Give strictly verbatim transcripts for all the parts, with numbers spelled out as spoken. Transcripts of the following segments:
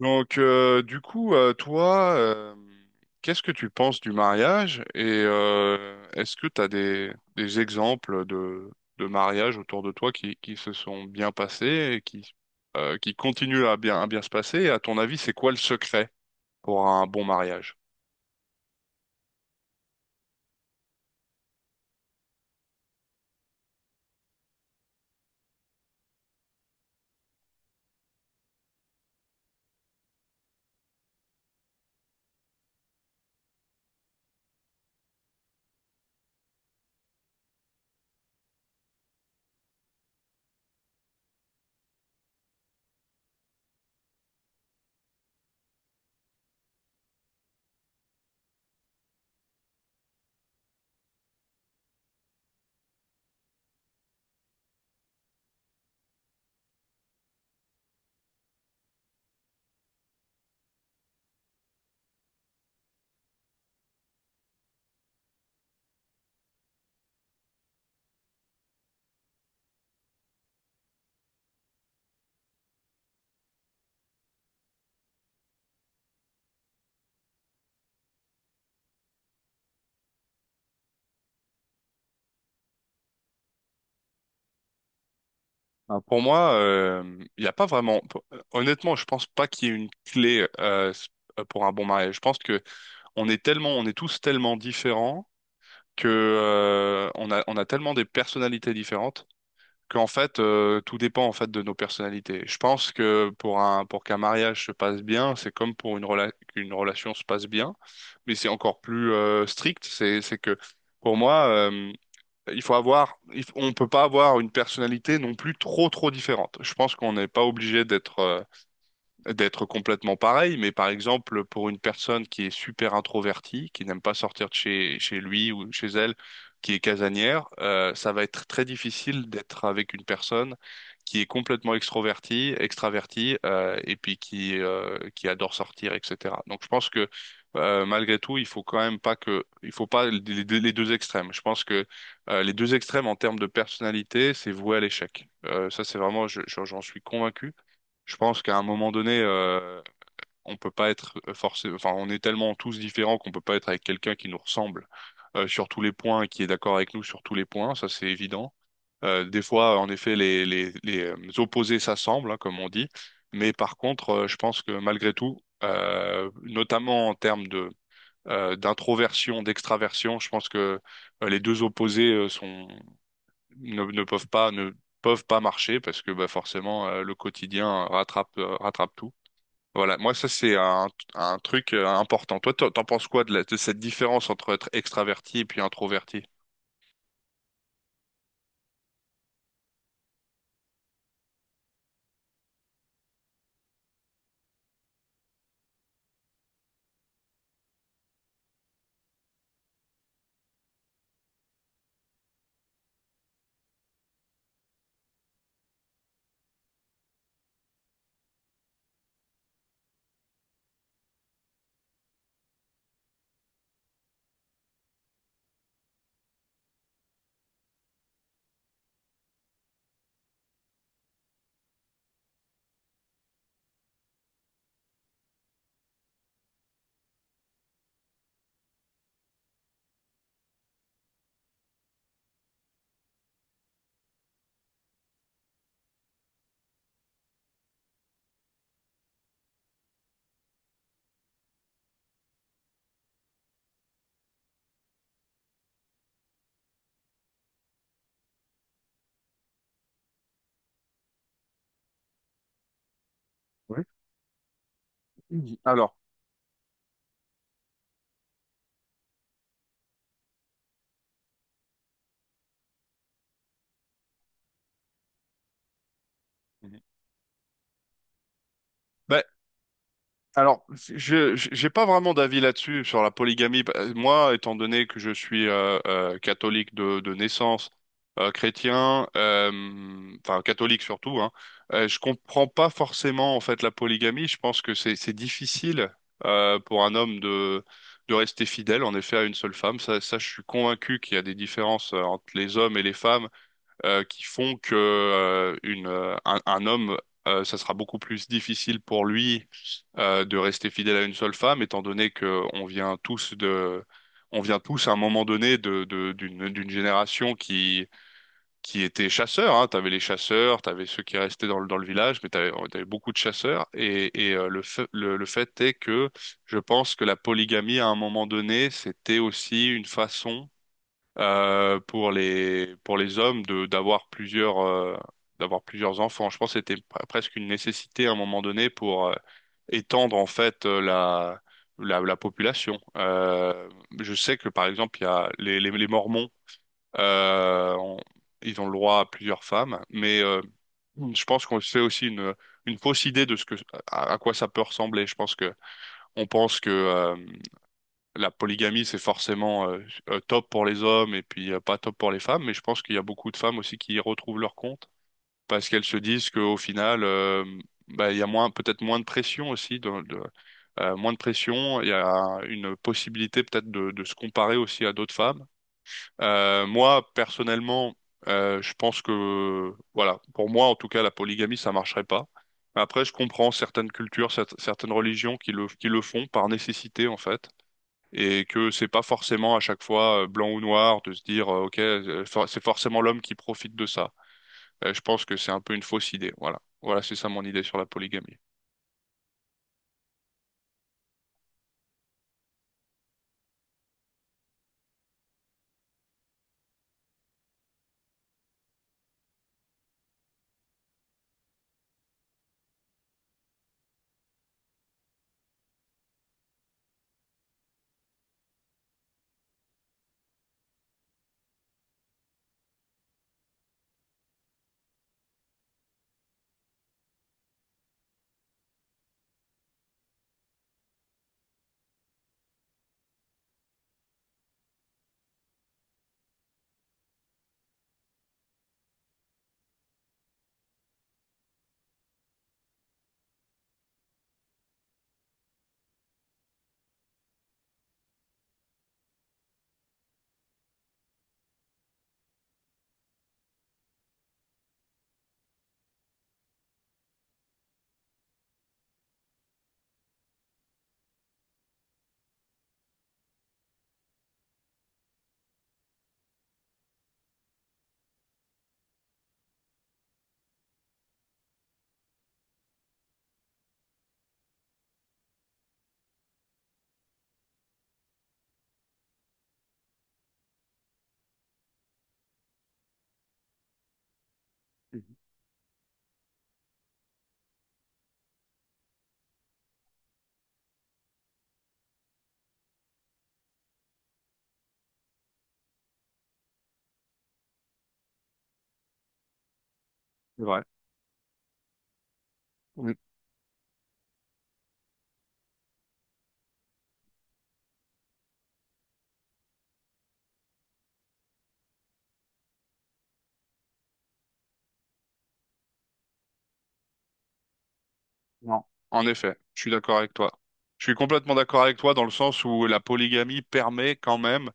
Donc, euh, du coup, euh, toi, euh, qu'est-ce que tu penses du mariage et euh, est-ce que tu as des, des exemples de, de mariages autour de toi qui, qui se sont bien passés et qui, euh, qui continuent à bien, à bien se passer? Et à ton avis, c'est quoi le secret pour un bon mariage? Ben, Pour moi, euh, il n'y a pas vraiment. Honnêtement, je pense pas qu'il y ait une clé euh, pour un bon mariage. Je pense que on est tellement, on est tous tellement différents que euh, on a on a tellement des personnalités différentes qu'en fait euh, tout dépend en fait de nos personnalités. Je pense que pour un pour qu'un mariage se passe bien, c'est comme pour une rela- qu'une relation se passe bien, mais c'est encore plus euh, strict. C'est c'est que pour moi euh, il faut avoir il f- on peut pas avoir une personnalité non plus trop trop différente. Je pense qu'on n'est pas obligé d'être euh, d'être complètement pareil, mais par exemple, pour une personne qui est super introvertie, qui n'aime pas sortir de chez, chez lui ou chez elle, qui est casanière, euh, ça va être très difficile d'être avec une personne qui est complètement extrovertie, extravertie, euh, et puis qui, euh, qui adore sortir, et cetera. Donc je pense que euh, malgré tout, il faut quand même pas que, il faut pas les deux, les deux extrêmes. Je pense que euh, les deux extrêmes en termes de personnalité, c'est voué à l'échec. Euh, ça, c'est vraiment, je- je- j'en suis convaincu. Je pense qu'à un moment donné, euh, on peut pas être forcé, enfin, on est tellement tous différents qu'on peut pas être avec quelqu'un qui nous ressemble euh, sur tous les points, et qui est d'accord avec nous sur tous les points, ça c'est évident. Euh, des fois, en effet, les, les, les euh, opposés s'assemblent, hein, comme on dit. Mais par contre, euh, je pense que malgré tout, euh, notamment en termes de euh, d'introversion, d'extraversion, je pense que euh, les deux opposés euh, sont ne, ne peuvent pas ne peuvent pas marcher parce que bah, forcément euh, le quotidien rattrape euh, rattrape tout. Voilà, moi ça c'est un, un truc euh, important. Toi, t'en t'en penses quoi de, la- de cette différence entre être extraverti et puis introverti? Ouais. Alors, Mhm. Bah, alors, je je- j'ai pas vraiment d'avis là-dessus sur la polygamie. Bah, moi, étant donné que je suis euh, euh, catholique de, de naissance, euh, chrétien, euh, enfin catholique surtout, hein, euh, je comprends pas forcément en fait la polygamie. Je pense que c'est c'est difficile euh, pour un homme de de rester fidèle en effet à une seule femme. Ça, ça je suis convaincu qu'il y a des différences euh, entre les hommes et les femmes euh, qui font que euh, une euh, un, un homme euh, ça sera beaucoup plus difficile pour lui euh, de rester fidèle à une seule femme, étant donné que on vient tous de, on vient tous à un moment donné de, de- d'une, d'une génération qui, qui était chasseur, hein. T'avais les chasseurs, t'avais ceux qui restaient dans le, dans le village, mais t'avais, t'avais beaucoup de chasseurs. Et, et euh, le fait, le, le fait est que je pense que la polygamie à un moment donné, c'était aussi une façon euh, pour les pour les hommes de d'avoir plusieurs euh, d'avoir plusieurs enfants. Je pense que c'était pre- presque une nécessité à un moment donné pour euh, étendre en fait euh, la la, la population. Euh, je sais que par exemple il y a les les, les Mormons euh, on- ils ont le droit à plusieurs femmes, mais euh, je pense qu'on se fait aussi une une fausse idée de ce que à, à quoi ça peut ressembler. Je pense que on pense que euh, la polygamie, c'est forcément euh, euh, top pour les hommes et puis euh, pas top pour les femmes, mais je pense qu'il y a beaucoup de femmes aussi qui y retrouvent leur compte parce qu'elles se disent qu'au final, euh, bah, il y a moins, peut-être moins de pression aussi, de, de- euh, moins de pression, il y a une possibilité peut-être de, de se comparer aussi à d'autres femmes. Euh, moi, personnellement, euh, je pense que, voilà, pour moi en tout cas, la polygamie, ça marcherait pas. Après, je comprends certaines cultures, cer- certaines religions qui le, qui le font par nécessité en fait et que c'est pas forcément à chaque fois euh, blanc ou noir de se dire euh, OK, euh, for- c'est forcément l'homme qui profite de ça. Euh, je pense que c'est un peu une fausse idée. Voilà. Voilà, c'est ça mon idée sur la polygamie. C'est vrai. Mm. Non. En effet, je suis d'accord avec toi. Je suis complètement d'accord avec toi dans le sens où la polygamie permet quand même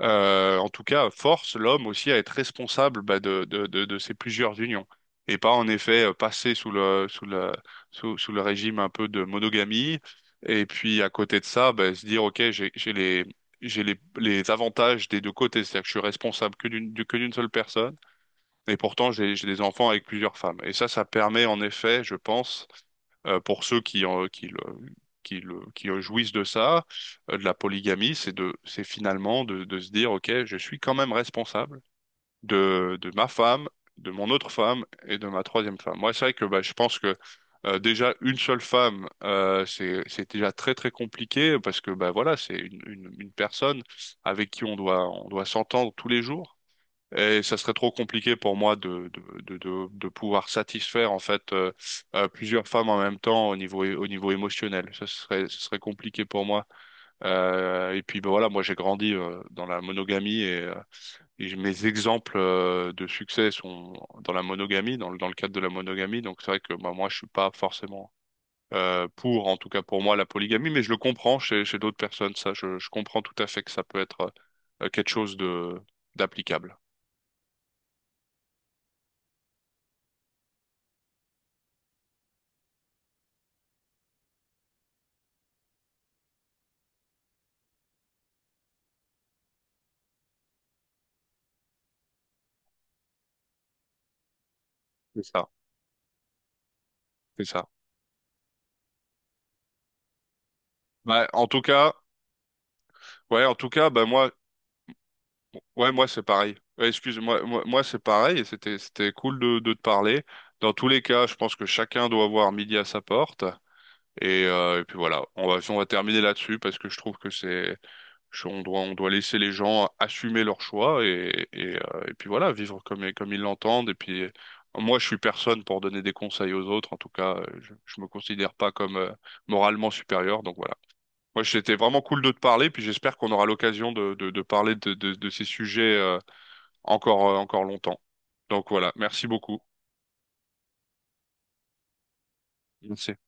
euh, en tout cas, force l'homme aussi à être responsable bah, de, de, de, de ces plusieurs unions et pas en effet euh, passer sous le, sous le, sous, sous le régime un peu de monogamie et puis à côté de ça, bah, se dire, OK, j'ai, j'ai les, j'ai les, les avantages des deux côtés, c'est-à-dire que je suis responsable que d'une, du- que d'une seule personne et pourtant j'ai, j'ai des enfants avec plusieurs femmes. Et ça, ça permet en effet, je pense, euh, pour ceux qui, en- qui, le- qui, le- qui jouissent de ça, euh, de la polygamie, c'est de, c'est finalement de, de se dire, OK, je suis quand même responsable de, de ma femme, de mon autre femme et de ma troisième femme. Moi, c'est vrai que bah, je pense que euh, déjà une seule femme, euh, c'est, c'est déjà très très compliqué parce que bah, voilà, c'est une, une, une personne avec qui on doit, on doit s'entendre tous les jours. Et ça serait trop compliqué pour moi de, de, de, de, de pouvoir satisfaire en fait euh, euh, plusieurs femmes en même temps au niveau au niveau émotionnel. Ça serait ce serait compliqué pour moi. Euh, et puis ben voilà, moi j'ai grandi euh, dans la monogamie et, euh, et j- mes exemples euh, de succès sont dans la monogamie, dans le dans le cadre de la monogamie. Donc c'est vrai que bah, moi je suis pas forcément euh, pour, en tout cas pour moi, la polygamie, mais je le comprends chez chez d'autres personnes. Ça, je, je comprends tout à fait que ça peut être euh, quelque chose de d'applicable. C'est ça, c'est ça. Ouais, en tout cas, ouais, en tout cas, bah moi, ouais, moi c'est pareil. Ouais, excuse-moi, moi, moi c'est pareil. Et C'était, c'était cool de, de te parler. Dans tous les cas, je pense que chacun doit avoir midi à sa porte. Et, euh, et puis voilà, on va, on va terminer là-dessus parce que je trouve que c'est, je- on doit, on doit laisser les gens assumer leurs choix et, et, euh, et puis voilà, vivre comme, comme ils l'entendent. Et puis euh, moi, je suis personne pour donner des conseils aux autres. En tout cas, euh, je, je me considère pas comme euh, moralement supérieur. Donc voilà. Moi, c'était vraiment cool de te parler, puis j'espère qu'on aura l'occasion de, de, de parler de, de, de ces sujets euh, encore, euh, encore longtemps. Donc voilà, merci beaucoup. C'est-